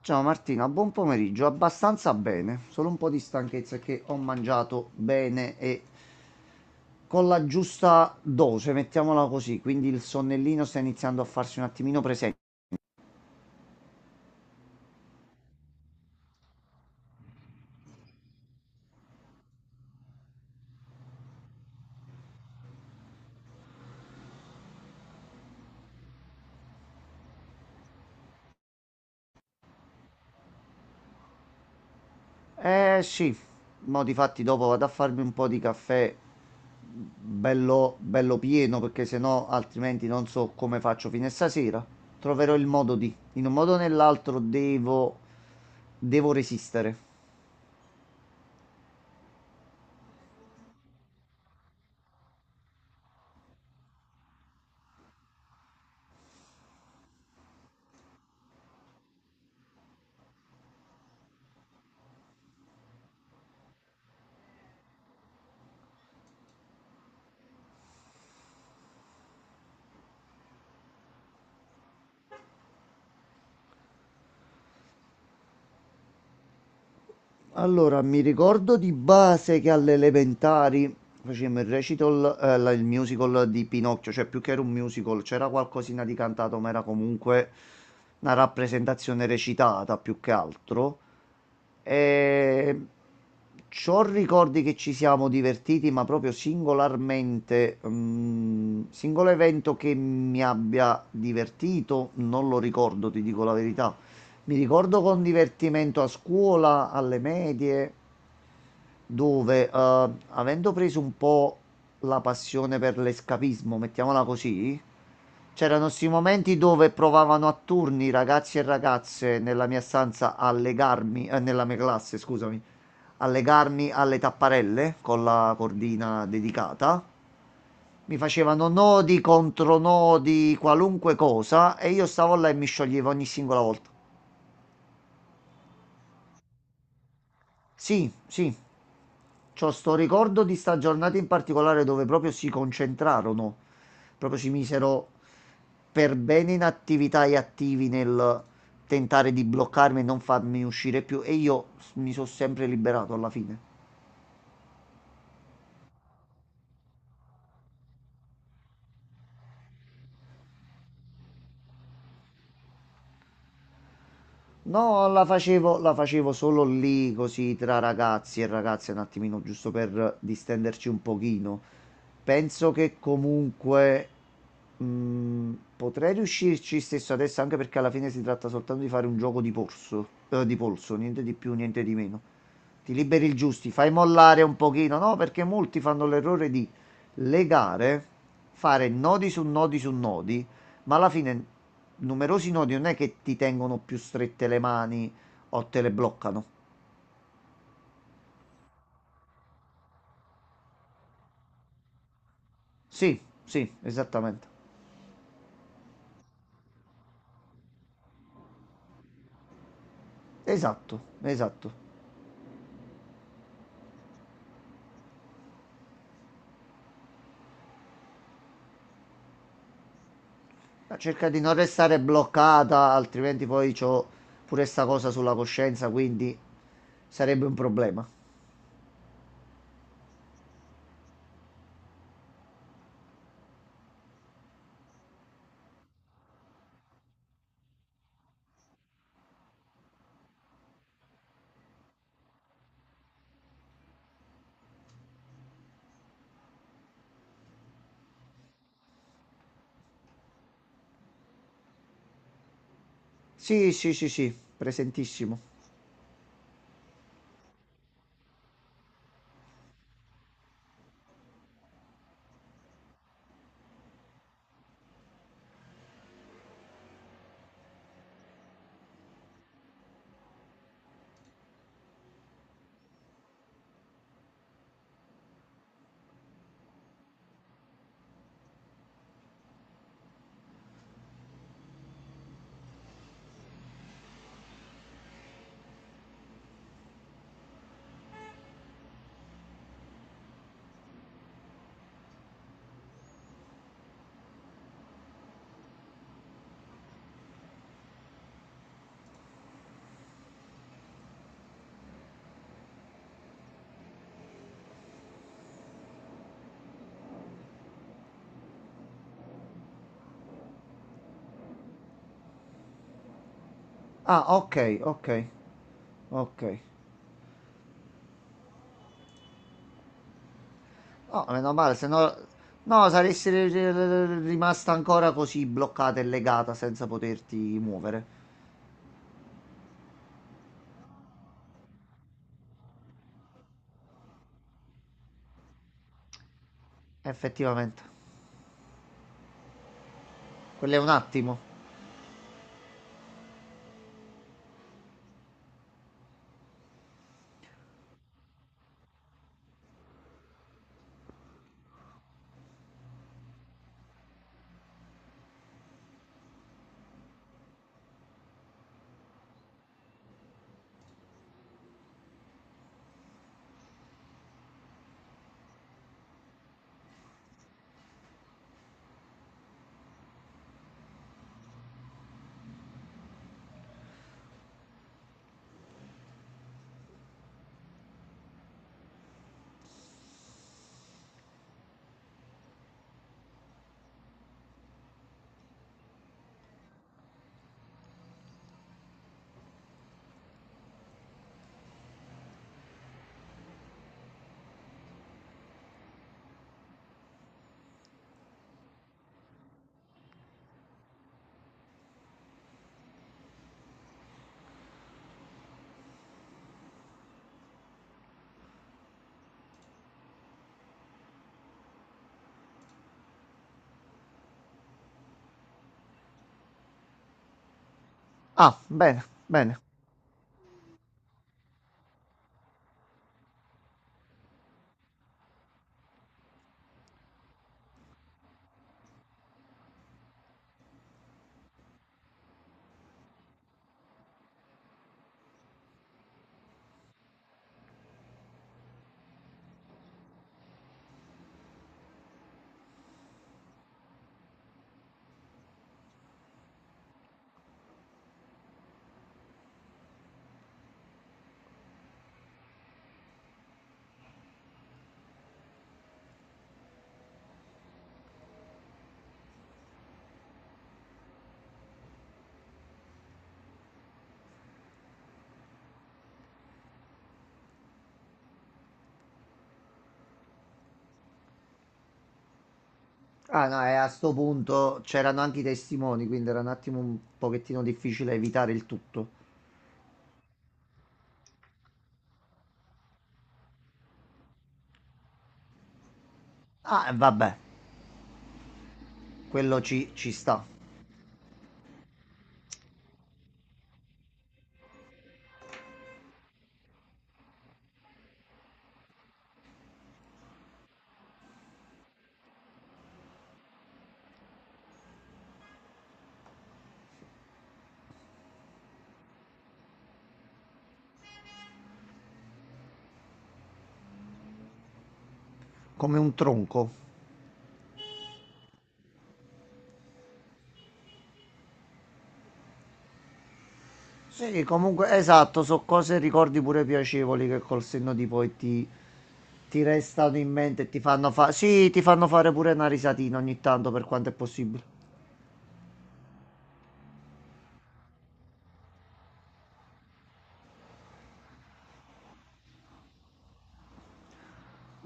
Ciao Martina, buon pomeriggio. Abbastanza bene, solo un po' di stanchezza è che ho mangiato bene e con la giusta dose, mettiamola così, quindi il sonnellino sta iniziando a farsi un attimino presente. Eh sì, mo di fatti dopo vado a farmi un po' di caffè bello, bello pieno perché sennò altrimenti non so come faccio fino a stasera. Troverò il modo di, in un modo o nell'altro devo, devo resistere. Allora, mi ricordo di base che alle elementari facevamo il recital, il musical di Pinocchio, cioè più che era un musical, c'era qualcosina di cantato, ma era comunque una rappresentazione recitata più che altro. Ehm, c'ho ricordi che ci siamo divertiti, ma proprio singolarmente, mhmm, singolo evento che mi abbia divertito, non lo ricordo, ti dico la verità. Mi ricordo con divertimento a scuola, alle medie, dove, avendo preso un po' la passione per l'escapismo, mettiamola così, c'erano 'sti momenti dove provavano a turni ragazzi e ragazze nella mia stanza a legarmi, nella mia classe, scusami, allegarmi alle tapparelle con la cordina dedicata. Mi facevano nodi, contronodi, qualunque cosa e io stavo là e mi scioglievo ogni singola volta. Sì, sì, c'ho sto ricordo di sta giornata in particolare dove proprio si concentrarono, proprio si misero per bene in attività e attivi nel tentare di bloccarmi e non farmi uscire più e io mi sono sempre liberato alla fine. No, la facevo solo lì, così tra ragazzi e ragazze, un attimino, giusto per distenderci un pochino. Penso che comunque mh, potrei riuscirci stesso adesso, anche perché alla fine si tratta soltanto di fare un gioco di polso, niente di più, niente di meno. Ti liberi il giusti, fai mollare un pochino, no? Perché molti fanno l'errore di legare, fare nodi su nodi su nodi, ma alla fine numerosi nodi non è che ti tengono più strette le mani o te le bloccano. Sì, sì, esattamente. Esatto, esatto. Ma cerca di non restare bloccata, altrimenti poi c'ho pure sta cosa sulla coscienza, quindi sarebbe un problema. Sì, sì, sì, sì, presentissimo. Ah, ok, ok, ok. No, meno male, se no... No, saresti rimasta ancora così bloccata e legata senza poterti muovere. Effettivamente. Quello è un attimo. Ah, bene, bene. Ah, no, e a sto punto c'erano anche i testimoni, quindi era un attimo un pochettino difficile evitare il tutto. Ah, e vabbè, quello ci sta. Come un tronco. Sì, comunque, esatto, so cose e ricordi pure piacevoli che col senno di poi ti restano in mente e ti fanno fare... Sì, ti fanno fare pure una risatina ogni tanto per quanto è possibile.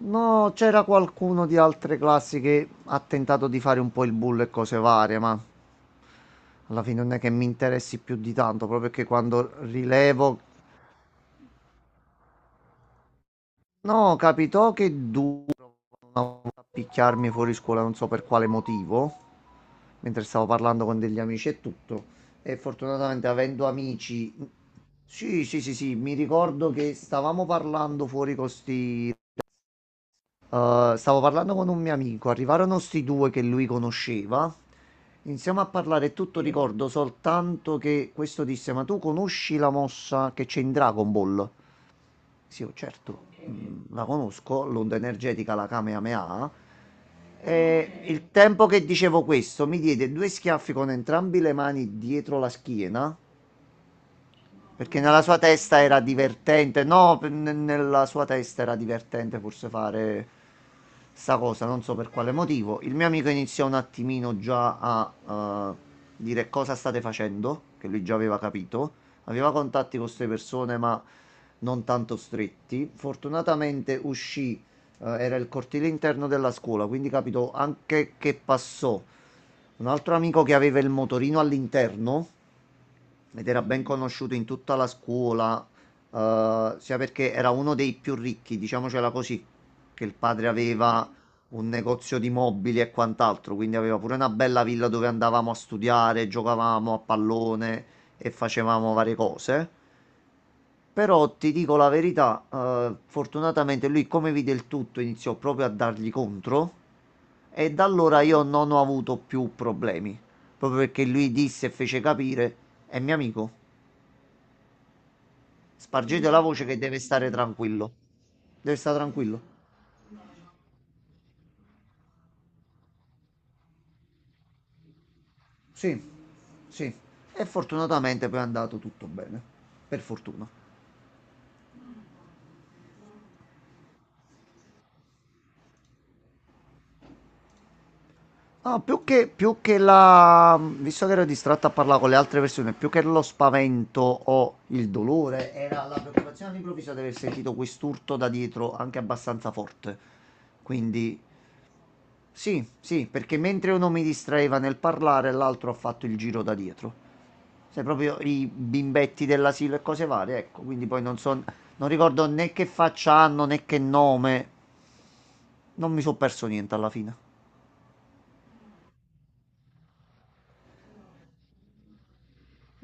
No, c'era qualcuno di altre classi che ha tentato di fare un po' il bullo e cose varie, ma... Alla fine non è che mi interessi più di tanto, proprio perché quando rilevo... No, capitò che duro a picchiarmi fuori scuola, non so per quale motivo, mentre stavo parlando con degli amici e tutto. E fortunatamente avendo amici... Sì, sì, sì, sì, mi ricordo che stavamo parlando fuori con sti stavo parlando con un mio amico, arrivarono sti due che lui conosceva. Iniziamo a parlare e tutto, sì. Ricordo soltanto che questo disse: Ma tu conosci la mossa che c'è in Dragon Ball? Sì, oh, certo, mm, la conosco, l'onda energetica, la Kamehameha. E il tempo che dicevo questo mi diede due schiaffi con entrambi le mani dietro la schiena perché nella sua testa era divertente, no, nella sua testa era divertente forse fare sta cosa, non so per quale motivo. Il mio amico iniziò un attimino già a dire cosa state facendo, che lui già aveva capito. Aveva contatti con queste persone, ma non tanto stretti. Fortunatamente uscì, era il cortile interno della scuola, quindi capito anche che passò. Un altro amico che aveva il motorino all'interno ed era ben conosciuto in tutta la scuola, sia perché era uno dei più ricchi, diciamocela così, che il padre aveva un negozio di mobili e quant'altro, quindi aveva pure una bella villa dove andavamo a studiare, giocavamo a pallone e facevamo varie cose. Però ti dico la verità, fortunatamente lui come vide il tutto iniziò proprio a dargli contro e da allora io non ho avuto più problemi, proprio perché lui disse e fece capire, è mio amico. Spargete la voce che deve stare tranquillo. Deve stare tranquillo. Sì, sì. E fortunatamente poi è andato tutto bene. Per fortuna. Ah, più che la... Visto che ero distratto a parlare con le altre persone, più che lo spavento o il dolore, era la preoccupazione all'improvviso di aver sentito quest'urto da dietro anche abbastanza forte. Quindi, sì, sì, perché mentre uno mi distraeva nel parlare, l'altro ha fatto il giro da dietro. Cioè, proprio i bimbetti dell'asilo e cose varie, ecco. Quindi poi non so, non ricordo né che faccia hanno né che nome. Non mi sono perso niente alla fine.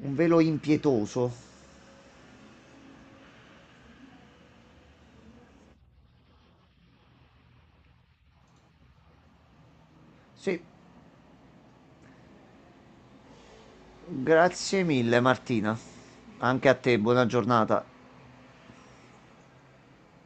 Un velo impietoso. Sì, grazie mille Martina. Anche a te, buona giornata.